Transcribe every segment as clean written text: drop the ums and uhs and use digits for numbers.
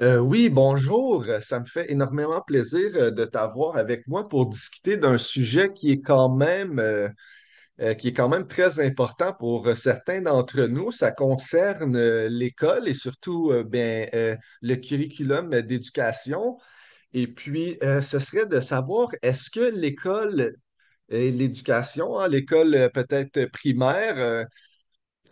Oui, bonjour. Ça me fait énormément plaisir de t'avoir avec moi pour discuter d'un sujet qui est quand même, qui est quand même très important pour certains d'entre nous. Ça concerne l'école et surtout le curriculum d'éducation. Et puis, ce serait de savoir, est-ce que l'école et l'éducation, hein, l'école peut-être primaire, euh,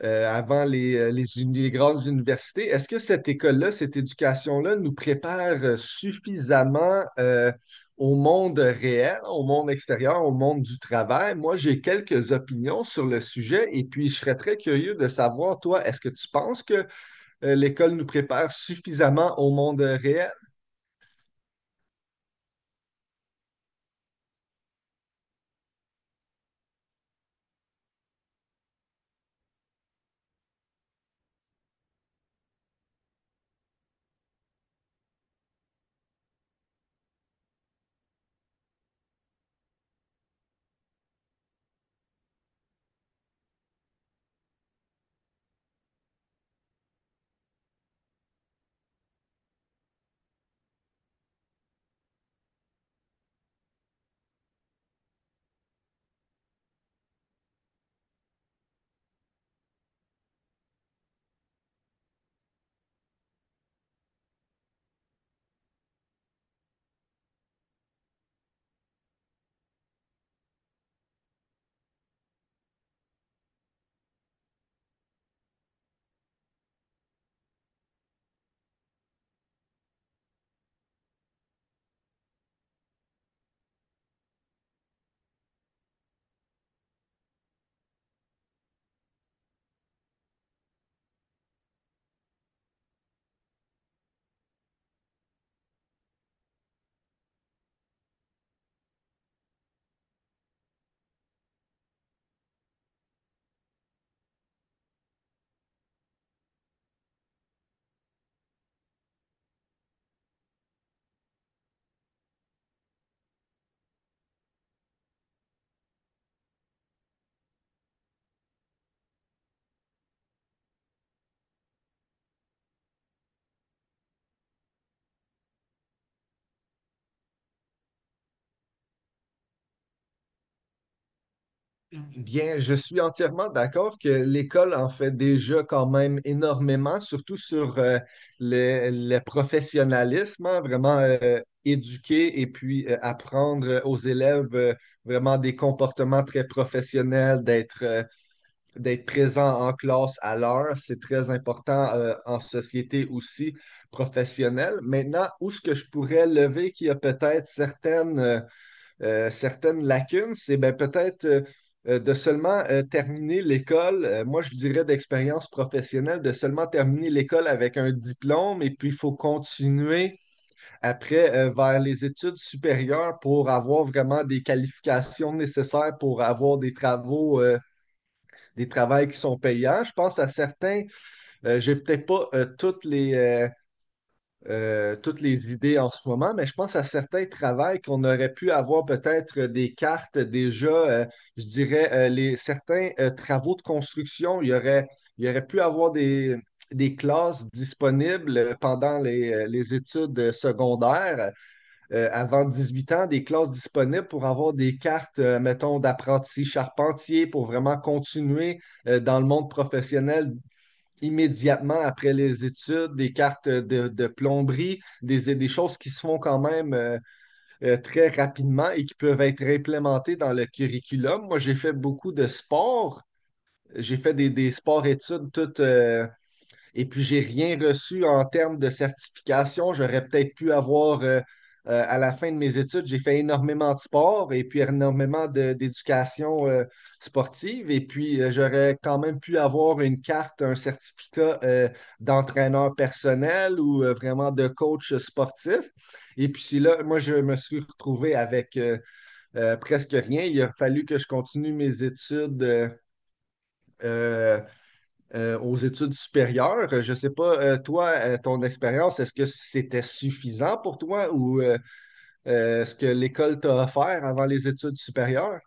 euh, avant les les grandes universités. Est-ce que cette école-là, cette éducation-là nous prépare suffisamment au monde réel, au monde extérieur, au monde du travail? Moi, j'ai quelques opinions sur le sujet et puis je serais très curieux de savoir, toi, est-ce que tu penses que l'école nous prépare suffisamment au monde réel? Bien, je suis entièrement d'accord que l'école en fait déjà quand même énormément, surtout sur le professionnalisme, hein, vraiment éduquer et puis apprendre aux élèves vraiment des comportements très professionnels, d'être présent en classe à l'heure, c'est très important en société aussi professionnelle. Maintenant, où est-ce que je pourrais lever qu'il y a peut-être certaines certaines lacunes, c'est ben, peut-être de seulement terminer l'école, moi je dirais d'expérience professionnelle, de seulement terminer l'école avec un diplôme et puis il faut continuer après vers les études supérieures pour avoir vraiment des qualifications nécessaires pour avoir des travaux, des travails qui sont payants. Je pense à certains, j'ai peut-être pas toutes les toutes les idées en ce moment, mais je pense à certains travails qu'on aurait pu avoir peut-être des cartes déjà, je dirais, certains travaux de construction, il y aurait pu avoir des classes disponibles pendant les études secondaires, avant 18 ans, des classes disponibles pour avoir des cartes, mettons, d'apprenti charpentier pour vraiment continuer dans le monde professionnel immédiatement après les études, des cartes de plomberie, des choses qui se font quand même très rapidement et qui peuvent être implémentées dans le curriculum. Moi, j'ai fait beaucoup de sports. J'ai fait des sports-études toute, et puis, j'ai rien reçu en termes de certification. J'aurais peut-être pu avoir, à la fin de mes études, j'ai fait énormément de sport et puis énormément d'éducation sportive. Et puis, j'aurais quand même pu avoir une carte, un certificat d'entraîneur personnel ou vraiment de coach sportif. Et puis, c'est là, moi, je me suis retrouvé avec presque rien. Il a fallu que je continue mes études. Euh, aux études supérieures. Je ne sais pas, ton expérience, est-ce que c'était suffisant pour toi ou est-ce que l'école t'a offert avant les études supérieures?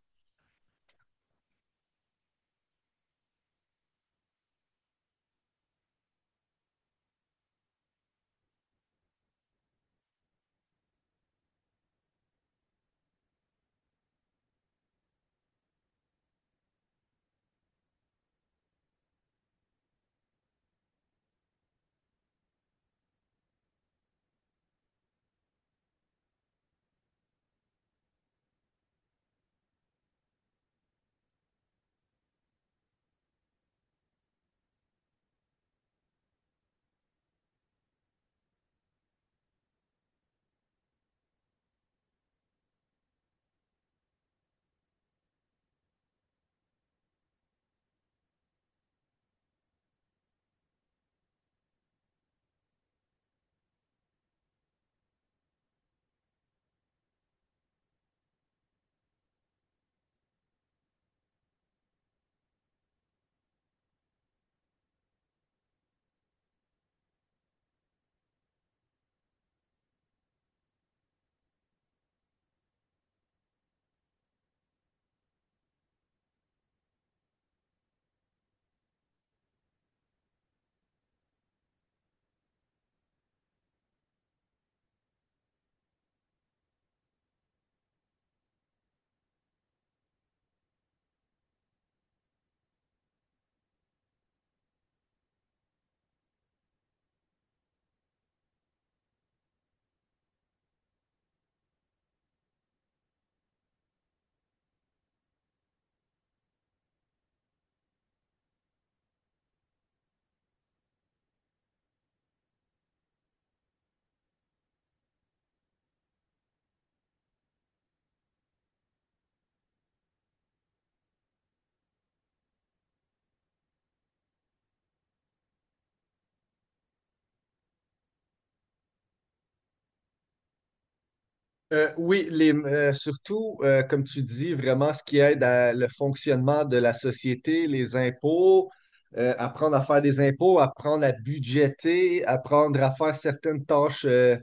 Oui, comme tu dis, vraiment ce qui aide à le fonctionnement de la société, les impôts, apprendre à faire des impôts, apprendre à budgéter, apprendre à faire certaines tâches, euh,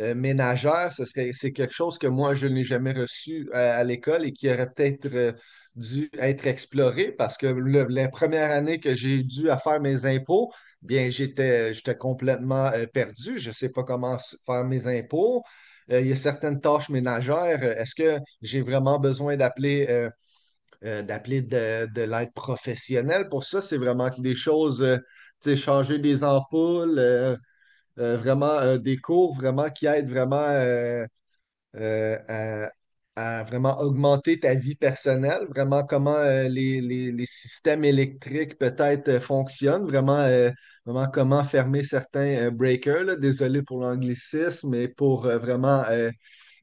euh, ménagère, c'est quelque chose que moi, je n'ai jamais reçu à, l'école et qui aurait peut-être dû être exploré parce que la première année que j'ai dû à faire mes impôts, bien, j'étais complètement perdu. Je ne sais pas comment faire mes impôts. Il y a certaines tâches ménagères. Est-ce que j'ai vraiment besoin d'appeler d'appeler de l'aide professionnelle? Pour ça, c'est vraiment des choses, tu sais, changer des ampoules. Vraiment des cours vraiment qui aident vraiment euh, à, à vraiment augmenter ta vie personnelle, vraiment comment les systèmes électriques peut-être fonctionnent, vraiment comment fermer certains breakers, là. Désolé pour l'anglicisme, mais pour vraiment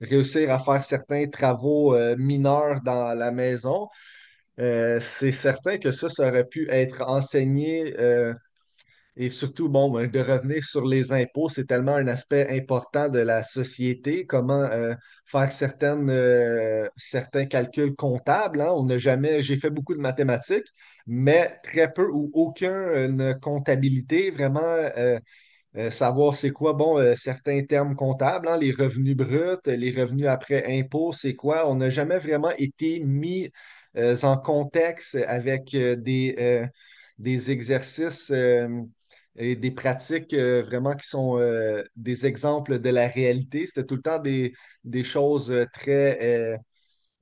réussir à faire certains travaux mineurs dans la maison. C'est certain que ça aurait pu être enseigné. Et surtout, bon, ben, de revenir sur les impôts, c'est tellement un aspect important de la société. Comment faire certains calculs comptables, hein. On n'a jamais, j'ai fait beaucoup de mathématiques, mais très peu ou aucune comptabilité vraiment savoir c'est quoi, bon, certains termes comptables, hein, les revenus bruts, les revenus après impôts, c'est quoi? On n'a jamais vraiment été mis en contexte avec des exercices et des pratiques vraiment qui sont des exemples de la réalité. C'était tout le temps des choses très euh,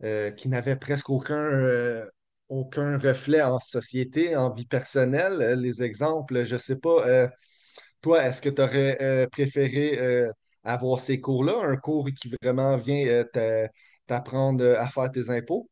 qui n'avaient presque aucun, aucun reflet en société, en vie personnelle. Les exemples, je ne sais pas. Toi, est-ce que tu aurais préféré avoir ces cours-là, un cours qui vraiment vient t'apprendre à faire tes impôts?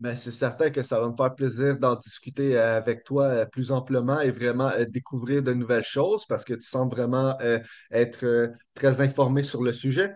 Ben, c'est certain que ça va me faire plaisir d'en discuter avec toi plus amplement et vraiment découvrir de nouvelles choses parce que tu sembles vraiment être très informé sur le sujet.